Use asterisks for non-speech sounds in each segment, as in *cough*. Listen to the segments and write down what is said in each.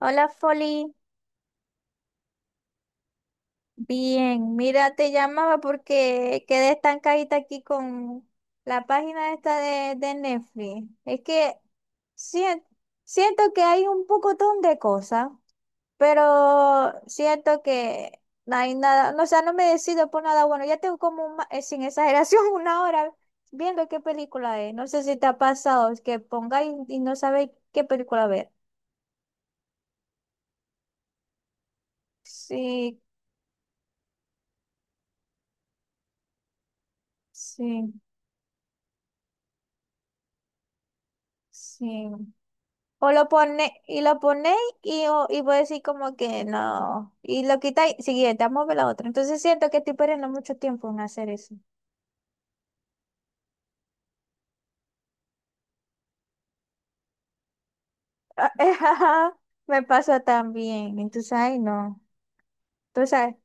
Hola, Folly. Bien, mira, te llamaba porque quedé estancadita aquí con la página esta de Netflix. Es que sien- siento que hay un pocotón de cosas, pero siento que no hay nada, no, o sea, no me decido por nada bueno. Ya tengo como, sin exageración, *laughs* una hora viendo qué película es. No sé si te ha pasado es que pongáis y no sabéis qué película ver. Sí, sí, sí. O lo pone, y lo ponéis y, y vos decir como que no. Y lo quitáis, siguiente, vamos a ver la otra. Entonces siento que estoy perdiendo mucho tiempo en hacer eso. Ah, *laughs* ajá. Me pasa también. Entonces, ay, no. Entonces,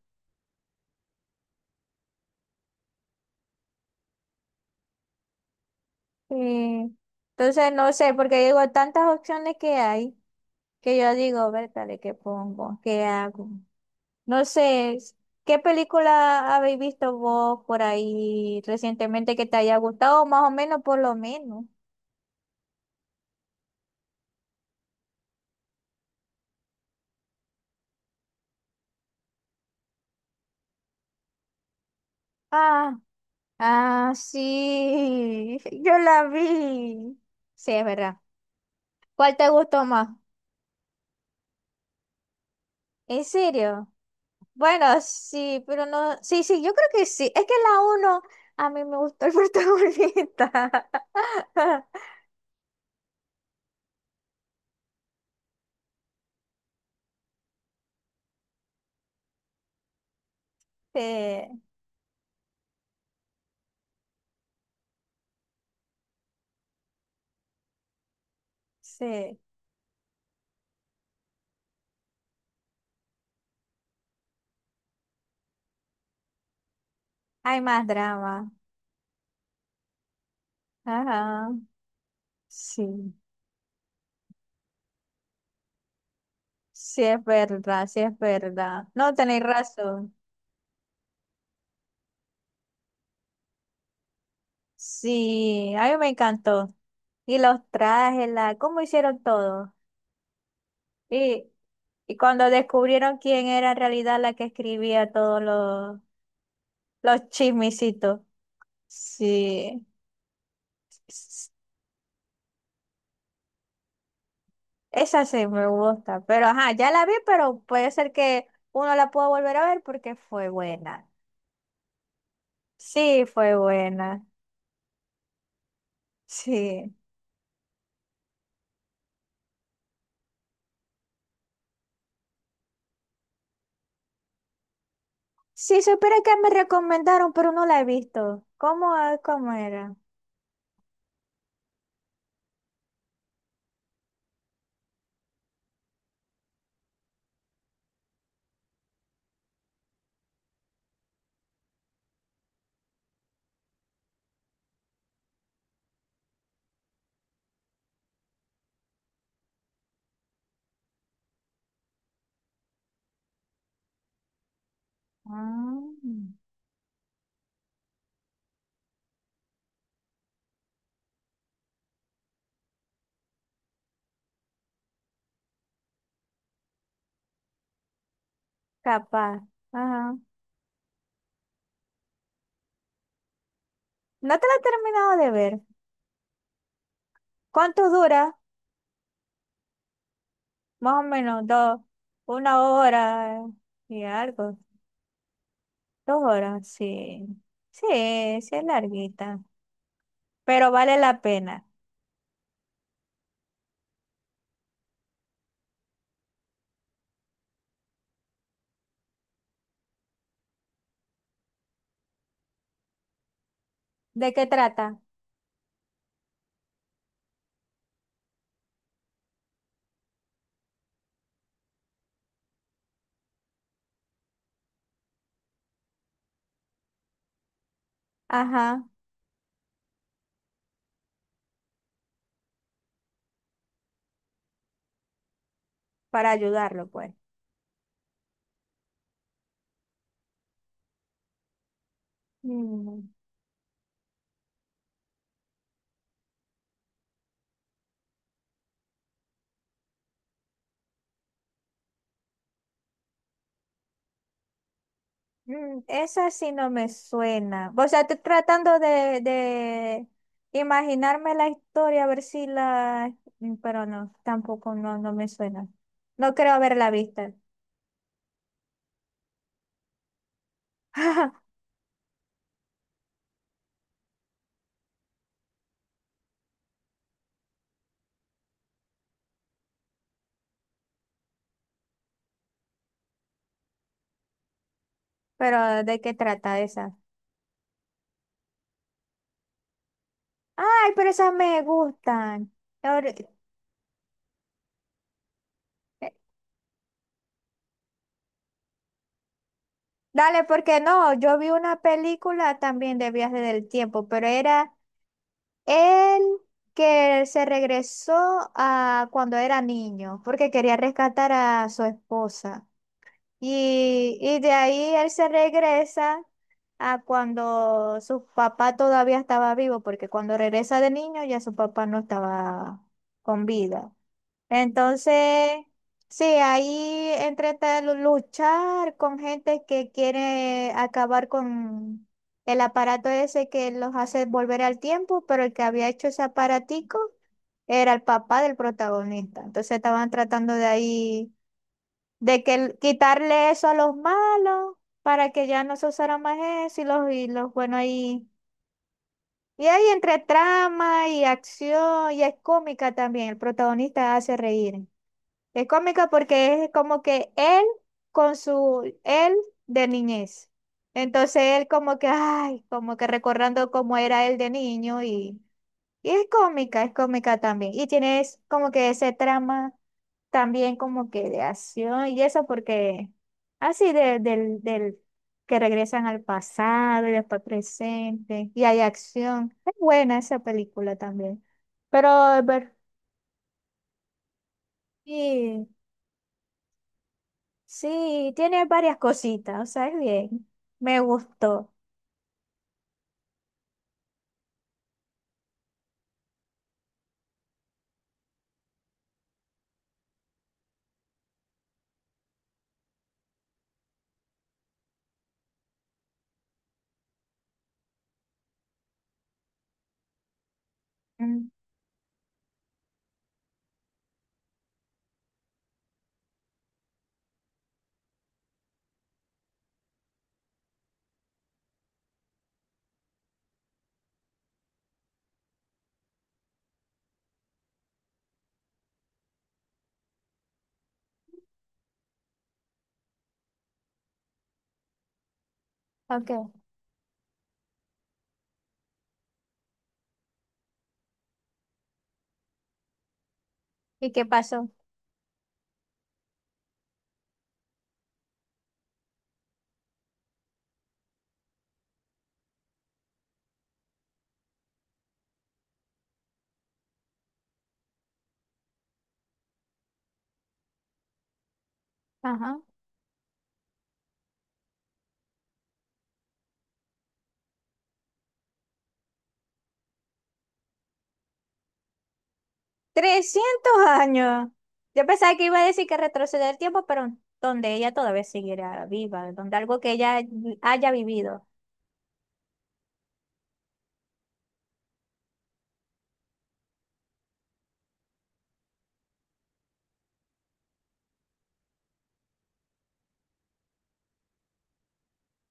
sí. Entonces, no sé, porque digo, tantas opciones que hay que yo digo, ¿de ¿qué pongo? ¿Qué hago? No sé, ¿qué película habéis visto vos por ahí recientemente que te haya gustado? Más o menos, por lo menos. Ah. Ah, sí, *laughs* yo la vi. Sí, es verdad. ¿Cuál te gustó más? ¿En serio? Bueno, sí, pero no. Sí, sí, yo creo que sí. Es que la uno, a mí me gustó el *laughs* protagonista. Sí, sí. Hay más drama. Ajá. Sí, sí, es verdad, sí, es verdad. No tenéis razón. Sí, a mí me encantó. Y los trajes, la, cómo hicieron todo. y y cuando descubrieron quién era en realidad la que escribía todos los chismicitos. Sí, s- esa sí me gusta, pero ajá, ya la vi, pero puede ser que uno la pueda volver a ver porque fue buena. Sí, fue buena. Sí. Sí, supiera que me recomendaron, pero no la he visto. ¿Cómo, ah, cómo era? Mm, capaz. Ajá. No te la he terminado de ver. ¿Cuánto dura? Más o menos dos, una hora y algo, 2 horas, sí. Sí, sí es larguita, pero vale la pena. ¿De qué trata? Ajá, para ayudarlo, pues. Mm, mm, esa sí no me suena. O sea, estoy tratando de imaginarme la historia, a ver si la... Mm, pero no, tampoco no, no me suena. No creo haberla visto. *laughs* Pero ¿de qué trata esa? Ay, pero esas me gustan. Ahora- eh, Dale, porque no, yo vi una película también de viaje del tiempo, pero era él que se regresó a cuando era niño, porque quería rescatar a su esposa. Y de ahí él se regresa a cuando su papá todavía estaba vivo, porque cuando regresa de niño ya su papá no estaba con vida. Entonces, sí, ahí entre tal luchar con gente que quiere acabar con el aparato ese que los hace volver al tiempo, pero el que había hecho ese aparatico era el papá del protagonista. Entonces estaban tratando de ahí, de que el- quitarle eso a los malos para que ya no se usara más eso y los buenos ahí. Y ahí entre trama y acción, y es cómica también, el protagonista hace reír. Es cómica porque es como que él con su él de niñez. Entonces él como que, ay, como que recordando cómo era él de niño y es cómica también. Y tienes como que ese trama también como que de acción y eso porque así del que regresan al pasado y después presente y hay acción. Es buena esa película también. Pero, ver, sí. Sí, tiene varias cositas, o sea, es bien. Me gustó. Mm, ok, ¿y qué pasó? Ajá. 300 años. Yo pensaba que iba a decir que retroceder el tiempo, pero donde ella todavía siguiera viva, donde algo que ella haya vivido.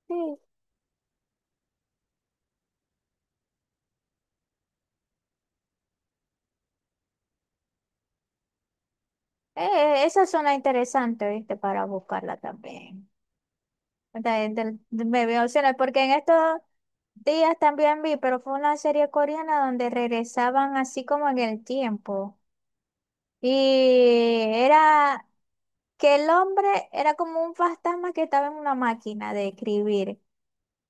Sí, esa zona interesante, ¿viste? Para buscarla también. De- me veo opciones, porque en estos días también vi, pero fue una serie coreana donde regresaban así como en el tiempo. Y era que el hombre era como un fantasma que estaba en una máquina de escribir.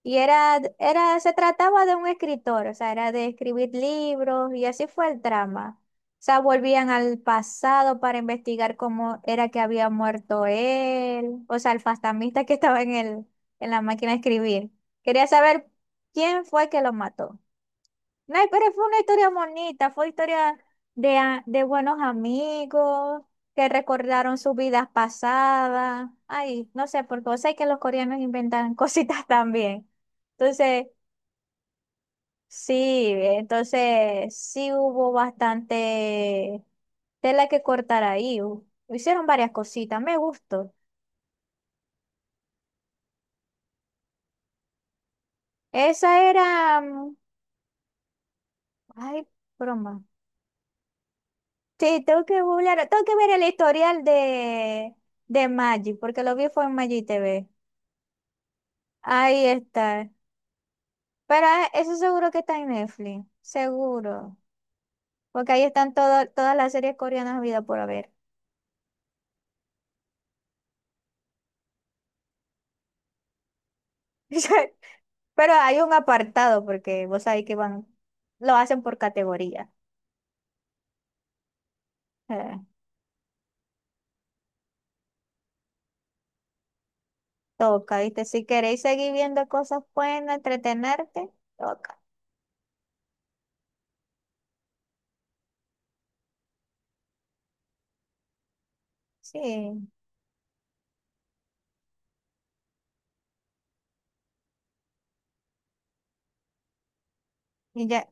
Y se trataba de un escritor, o sea, era de escribir libros y así fue el trama. O sea, volvían al pasado para investigar cómo era que había muerto él, o sea, el fantasmista que estaba en el, en la máquina de escribir. Quería saber quién fue que lo mató. No, pero fue una historia bonita, fue historia de buenos amigos que recordaron sus vidas pasadas. Ay, no sé, porque vos sabés que los coreanos inventan *laughs* cositas también. Entonces, sí, entonces sí hubo bastante tela que cortar ahí. Hicieron varias cositas, me gustó. Esa era, mm, ay, broma. Sí, tengo que googlear, tengo que ver el historial de Magic, porque lo vi fue en Magic TV. Ahí está. Pero ah, eso seguro que está en Netflix, seguro. Porque ahí están todas las series coreanas vida por haber. *laughs* Pero hay un apartado, porque vos sabés que van, lo hacen por categoría. Eh, toca, ¿viste? Si queréis seguir viendo cosas buenas, entretenerte, toca. Sí, y ya.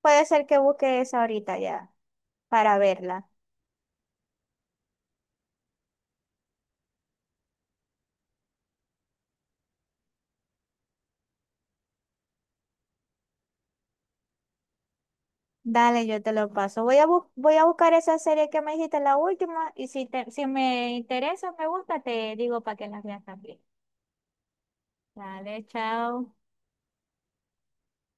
Puede ser que busque esa ahorita ya, para verla. Dale, yo te lo paso. Voy a, voy a buscar esa serie que me dijiste, la última, y si, si me interesa, me gusta, te digo para que las veas también. Dale, chao.